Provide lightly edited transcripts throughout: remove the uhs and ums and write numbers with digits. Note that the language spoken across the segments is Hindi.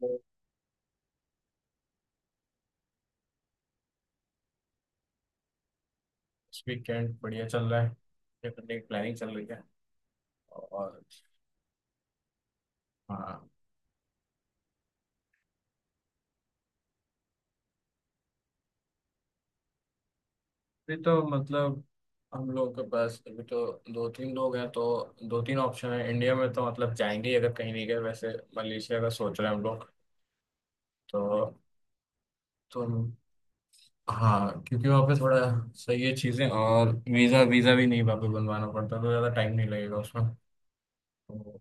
तो इस वीकेंड बढ़िया चल रहा है। ये करने की प्लानिंग चल रही है। और हाँ अभी तो मतलब हम लोगों के पास अभी तो दो तीन लोग हैं, तो दो तीन ऑप्शन है इंडिया में, तो मतलब जाएंगे ही अगर कहीं नहीं गए वैसे। मलेशिया का सोच रहे हैं हम लोग। तो तो हाँ, क्योंकि वहाँ पे थोड़ा सही है चीज़ें, और वीज़ा वीज़ा भी नहीं वहाँ पे बनवाना पड़ता, तो ज़्यादा टाइम नहीं लगेगा उसमें। तो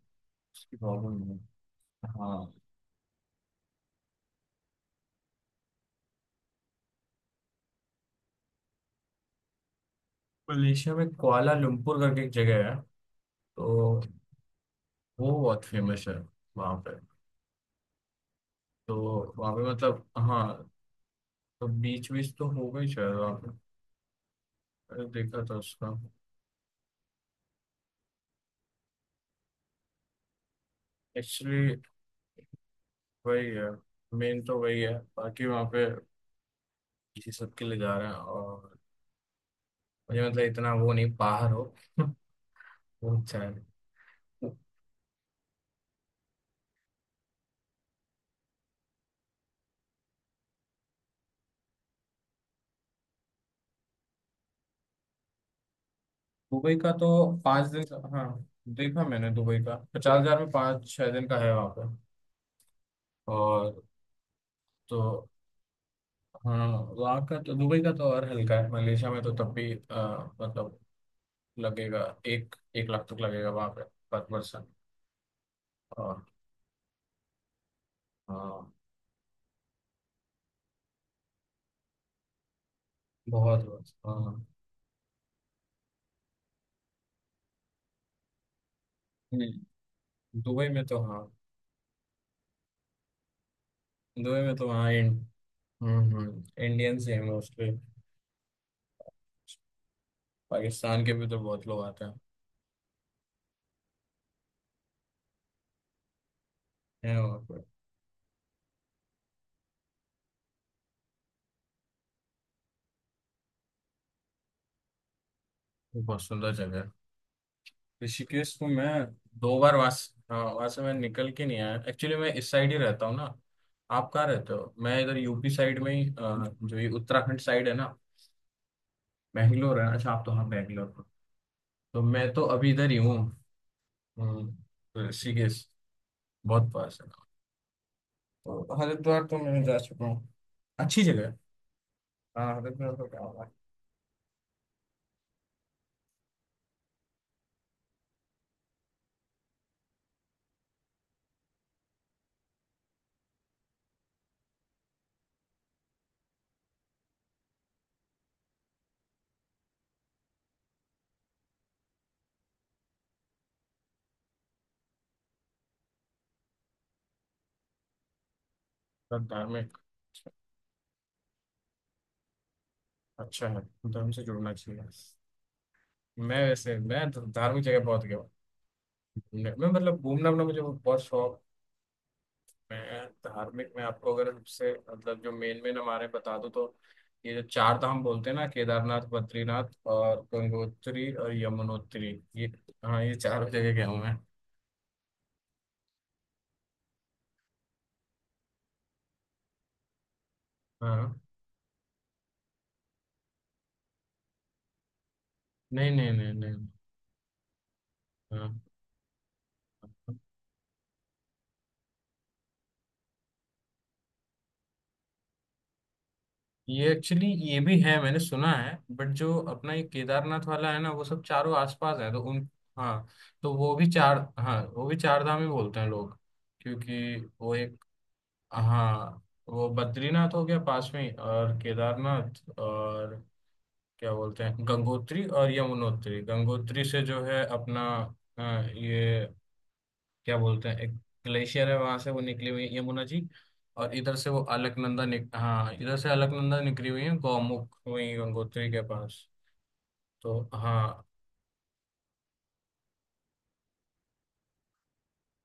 उसकी प्रॉब्लम नहीं है। हाँ मलेशिया में कुआला लंपुर करके एक जगह है, तो वो बहुत फेमस है वहाँ पे। तो वहाँ पे मतलब हाँ, तो बीच बीच तो हो गई शायद वहाँ पे, मैंने देखा था उसका। एक्चुअली वही है, मेन तो वही है, बाकी वहाँ पे इसी सब के लिए जा रहे हैं। और मुझे मतलब इतना वो नहीं बाहर हो। वो अच्छा है। दुबई का तो 5 दिन का, हाँ देखा मैंने दुबई का 50,000 में 5-6 दिन का है वहाँ पे। और तो हाँ वहाँ का तो दुबई का तो और हल्का है, मलेशिया में तो तब भी मतलब लगेगा, एक 1 लाख तक लगेगा वहां पे, पर पर्सन। और हाँ। बहुत बहुत हाँ। हम्म दुबई में तो हाँ। दुबई में तो हाँ इंड। इंडियंस ही है मोस्टली। पाकिस्तान के भी तो बहुत लोग आते हैं वहाँ पे। वो बहुत सुंदर जगह है। ऋषिकेश को मैं दो बार वहाँ से- हाँ वहाँ से मैं निकल के नहीं आया एक्चुअली, मैं इस साइड ही रहता हूँ ना। आप कहाँ रहते हो? मैं इधर यूपी साइड में ही जो ये उत्तराखंड साइड है ना। बैंगलोर है? अच्छा आप तो हाँ बैंगलोर। तो मैं तो अभी इधर ही हूँ। हम्म ऋषिकेश बहुत पास है। तो हरिद्वार तो मैं जा चुका हूँ, अच्छी जगह है। हाँ हरिद्वार तो क्या हुआ है। तो धार्मिक अच्छा है, धर्म से जुड़ना चाहिए। मैं वैसे मैं तो धार्मिक जगह बहुत गया हूँ घूमने। मैं मतलब घूमना वूमना मुझे बहुत शौक है। धार्मिक में आपको अगर सबसे मतलब जो मेन मेन हमारे बता दूँ तो ये जो चार धाम बोलते हैं ना, केदारनाथ, बद्रीनाथ, और गंगोत्री और यमुनोत्री। ये, हाँ ये चारों जगह गया हूँ मैं। हाँ, नहीं नहीं, हाँ ये एक्चुअली ये भी है, मैंने सुना है, बट जो अपना ये केदारनाथ वाला है ना वो सब चारों आसपास है तो उन। हाँ तो वो भी चार, हाँ वो भी चार धाम ही बोलते हैं लोग, क्योंकि वो एक। हाँ वो बद्रीनाथ हो गया पास में ही, और केदारनाथ और क्या बोलते हैं, गंगोत्री और यमुनोत्री। गंगोत्री से जो है अपना अ, ये क्या बोलते हैं, एक ग्लेशियर है, वहां से वो निकली हुई है यमुना जी। और इधर से वो अलकनंदा निक, हाँ इधर से अलकनंदा निकली हुई है, गौमुख हुई गंगोत्री के पास। तो हाँ।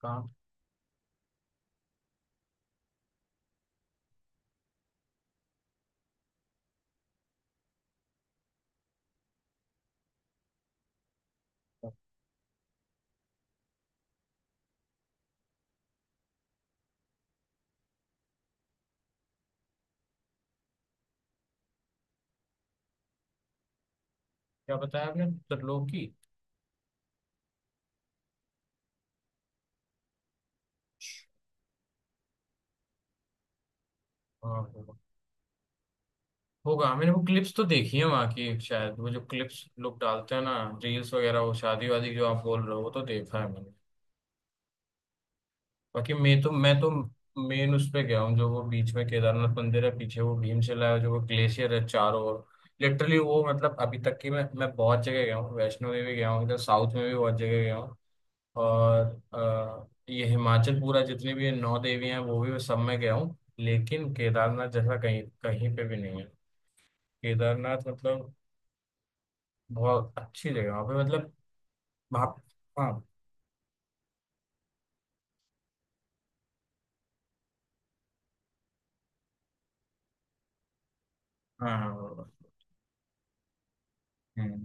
कहाँ? क्या बताया आपने, त्रिलोकी? हाँ होगा। होगा। मैंने वो क्लिप्स तो देखी है वहाँ की, शायद वो जो क्लिप्स लोग डालते हैं ना, रील्स वगैरह, वो शादी वादी जो आप बोल रहे हो वो तो देखा है मैंने। बाकी मैं तो मेन उस पे गया हूँ, जो वो बीच में केदारनाथ मंदिर है पीछे, वो भीमशिला है, जो वो ग्लेशियर है चारों ओर। लिटरली वो मतलब अभी तक की मैं बहुत जगह गया हूँ, वैष्णो देवी गया हूँ, इधर साउथ में भी बहुत जगह गया हूँ। और ये हिमाचल पूरा, जितनी भी नौ देवियां हैं वो भी मैं सब में गया हूँ, लेकिन केदारनाथ जैसा कहीं कहीं पे भी नहीं है। केदारनाथ मतलब बहुत अच्छी जगह है वहाँ पे, मतलब। वहाँ हाँ हाँ हाँ हाँ, हाँ, हाँ। हम्म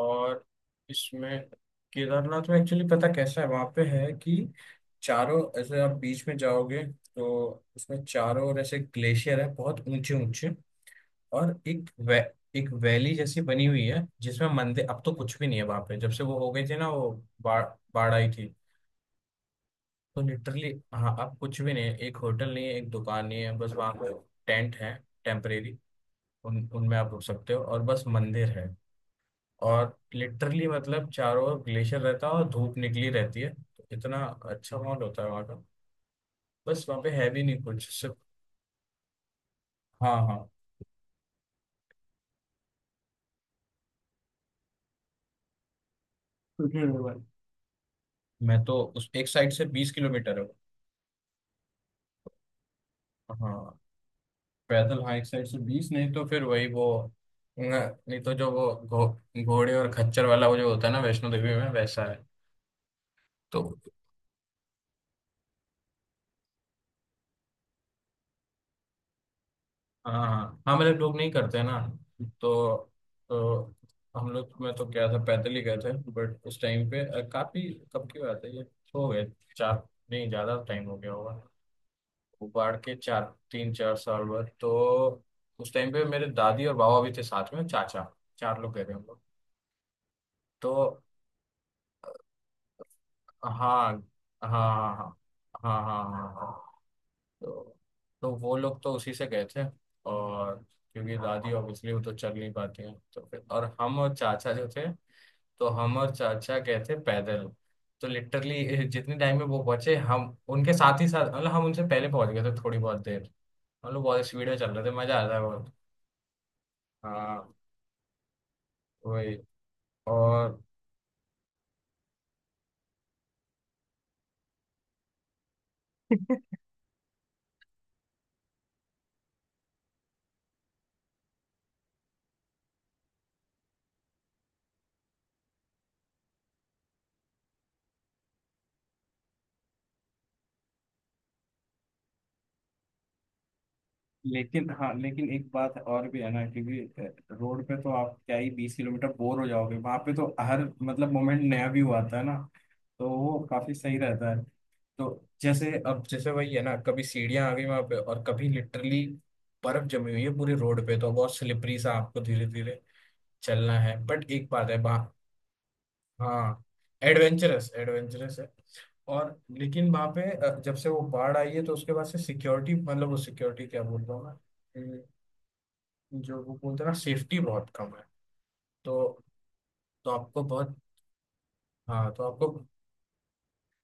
और इसमें केदारनाथ में एक्चुअली पता कैसा है वहाँ पे, है कि चारों ऐसे आप बीच में जाओगे, तो उसमें चारों ओर ऐसे ग्लेशियर है, बहुत ऊंचे ऊंचे। और एक वैली जैसी बनी हुई है जिसमें मंदिर, अब तो कुछ भी नहीं है वहाँ पे जब से वो हो गई थी ना, वो बाढ़, बाढ़ आई थी। तो लिटरली हाँ अब कुछ भी नहीं है, एक होटल नहीं है, एक दुकान नहीं है, बस वहाँ पे टेंट है टेम्परेरी। उन उनमें आप रुक सकते हो और बस मंदिर है। और लिटरली मतलब चारों ओर ग्लेशियर रहता है और धूप निकली रहती है, तो इतना अच्छा माहौल होता है वहाँ का। बस वहाँ पे है भी नहीं कुछ, सिर्फ। हाँ हाँ। हम्म मैं तो उस एक साइड से 20 किलोमीटर है वो। हाँ पैदल, हाँ एक साइड से बीस, नहीं तो फिर वही वो, नहीं तो जो वो घोड़े और खच्चर वाला वो जो होता है ना वैष्णो देवी में वैसा है। तो हाँ हाँ, हम लोग लोग नहीं करते ना। तो तो हम लोग में तो क्या था, पैदल ही गए थे, बट उस टाइम पे काफी, कब की बात है ये, हो गए चार, नहीं ज्यादा टाइम हो गया होगा, उबाड़ के चार, 3-4 साल बाद तो। उस टाइम पे मेरे दादी और बाबा भी थे, साथ में चाचा। चार लोग गए थे हम लोग। तो हाँ हाँ हाँ हाँ, हाँ हाँ हाँ हाँ। तो तो वो लोग तो उसी से गए थे। और क्योंकि दादी ऑब्वियसली वो तो चल नहीं पाती हैं, तो फिर और हम और चाचा जो थे, तो हम और चाचा गए थे पैदल। तो लिटरली जितने टाइम में वो बचे, हम उनके साथ ही साथ, मतलब हम उनसे पहले पहुंच गए थे थोड़ी बहुत देर, मतलब बहुत स्पीड में चल रहे थे, मजा आ रहा था बहुत। हाँ वही। और लेकिन हाँ, लेकिन एक बात और भी है ना, क्योंकि रोड पे तो आप क्या ही 20 किलोमीटर बोर हो जाओगे, वहां पे तो हर मतलब मोमेंट नया व्यू आता है ना, तो वो काफी सही रहता है। तो जैसे अब जैसे वही है ना, कभी सीढ़ियां आ गई वहां पे, और कभी लिटरली बर्फ जमी हुई है पूरी रोड पे, तो बहुत स्लिपरी सा, आपको धीरे धीरे चलना है, बट एक बात है वहाँ। हाँ, एडवेंचरस एडवेंचरस है। और लेकिन वहां पे जब से वो बाढ़ आई है तो उसके बाद से सिक्योरिटी, मतलब वो सिक्योरिटी क्या बोल रहा हूँ मैं, जो वो बोलते हैं ना, सेफ्टी बहुत कम है। तो तो आपको बहुत, हाँ तो आपको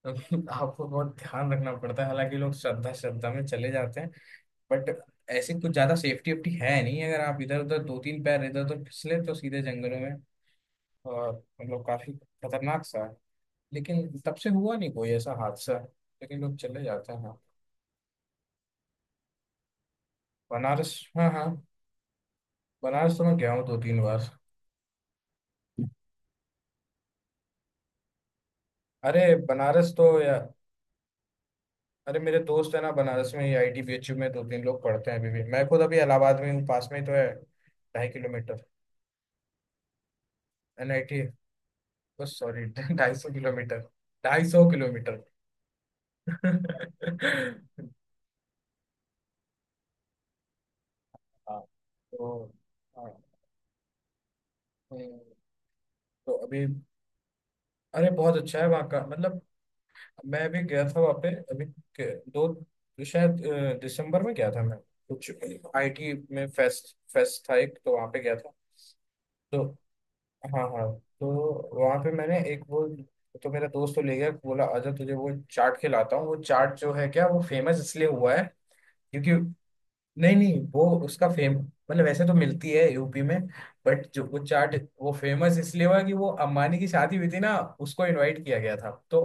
आपको बहुत ध्यान रखना पड़ता है, हालांकि लोग श्रद्धा श्रद्धा में चले जाते हैं, बट ऐसी कुछ ज्यादा सेफ्टी वेफ्टी है नहीं, अगर आप इधर उधर दो तीन पैर इधर उधर फिसले तो सीधे जंगलों में। और मतलब काफी खतरनाक सा है, लेकिन तब से हुआ नहीं कोई ऐसा हादसा, लेकिन लोग चले जाते हैं हाँ। बनारस, हाँ हाँ, बनारस तो मैं गया हूँ दो तीन बार। अरे बनारस तो या, अरे मेरे दोस्त है ना बनारस में ही, आईटी बीएचयू में दो तीन लोग पढ़ते हैं अभी भी, मैं खुद अभी इलाहाबाद में हूँ, पास में ही तो है, 2.5 किलोमीटर एनआईटी, बस सॉरी ढाई सौ किलोमीटर, 250 किलोमीटर। हाँ तो हाँ, हम्म, तो अभी अरे बहुत अच्छा है वहाँ का मतलब। मैं भी गया था वहाँ पे अभी के- दो शायद दिसंबर में गया था मैं कुछ। आईटी में फेस्ट फेस्ट था एक, तो वहाँ पे गया था। तो हाँ हाँ, तो वहां पे मैंने एक वो, तो मेरा दोस्त तो ले गया, बोला आजा तुझे वो चाट खिलाता हूँ, वो चाट जो है क्या वो फेमस इसलिए हुआ है क्योंकि, नहीं नहीं वो उसका फेम, मतलब वैसे तो मिलती है यूपी में, बट जो वो चाट, वो फेमस इसलिए हुआ कि वो अम्बानी की शादी हुई थी ना उसको इनवाइट किया गया था।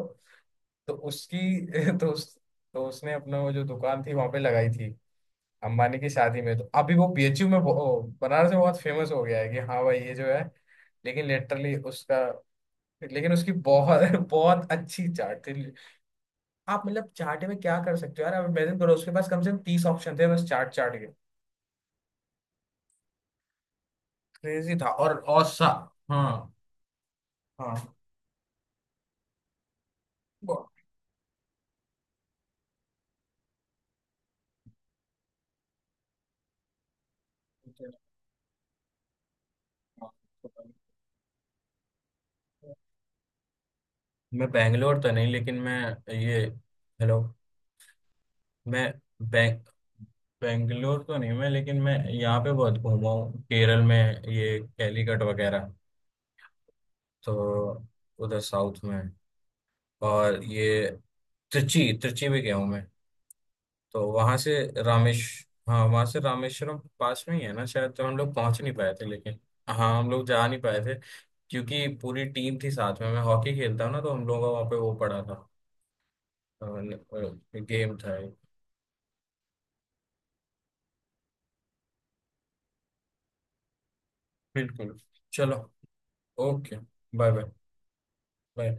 तो उसकी तो उसने अपना वो जो दुकान थी वहां पे लगाई थी अम्बानी की शादी में, तो अभी वो बीएचयू में बनारस में बहुत फेमस हो गया है कि हाँ भाई ये जो है। लेकिन लिटरली उसका, लेकिन उसकी बहुत बहुत अच्छी चाट थी। आप मतलब चाट में क्या कर सकते हो यार, आप इमेजिन करो उसके पास कम से कम 30 ऑप्शन थे, बस चाट चाट के। क्रेजी था और औसा। हाँ हाँ, बहुत- मैं बैंगलोर तो नहीं लेकिन मैं ये हेलो। मैं बैंग बैंगलोर तो नहीं मैं, लेकिन मैं यहाँ पे बहुत घूमा हूँ केरल में, ये कैलीकट वगैरह, तो उधर साउथ में। और ये त्रिची त्रिची भी गया हूँ मैं, तो वहां से रामेश हाँ, वहां से रामेश्वरम पास में ही है ना शायद, तो हम लोग पहुंच नहीं पाए थे, लेकिन हाँ हम लोग जा नहीं पाए थे, क्योंकि पूरी टीम थी साथ में, मैं हॉकी खेलता हूँ ना, तो हम लोगों का वहाँ पे वो पड़ा था, गेम था एक। बिल्कुल। चलो ओके। Bye bye. बाय।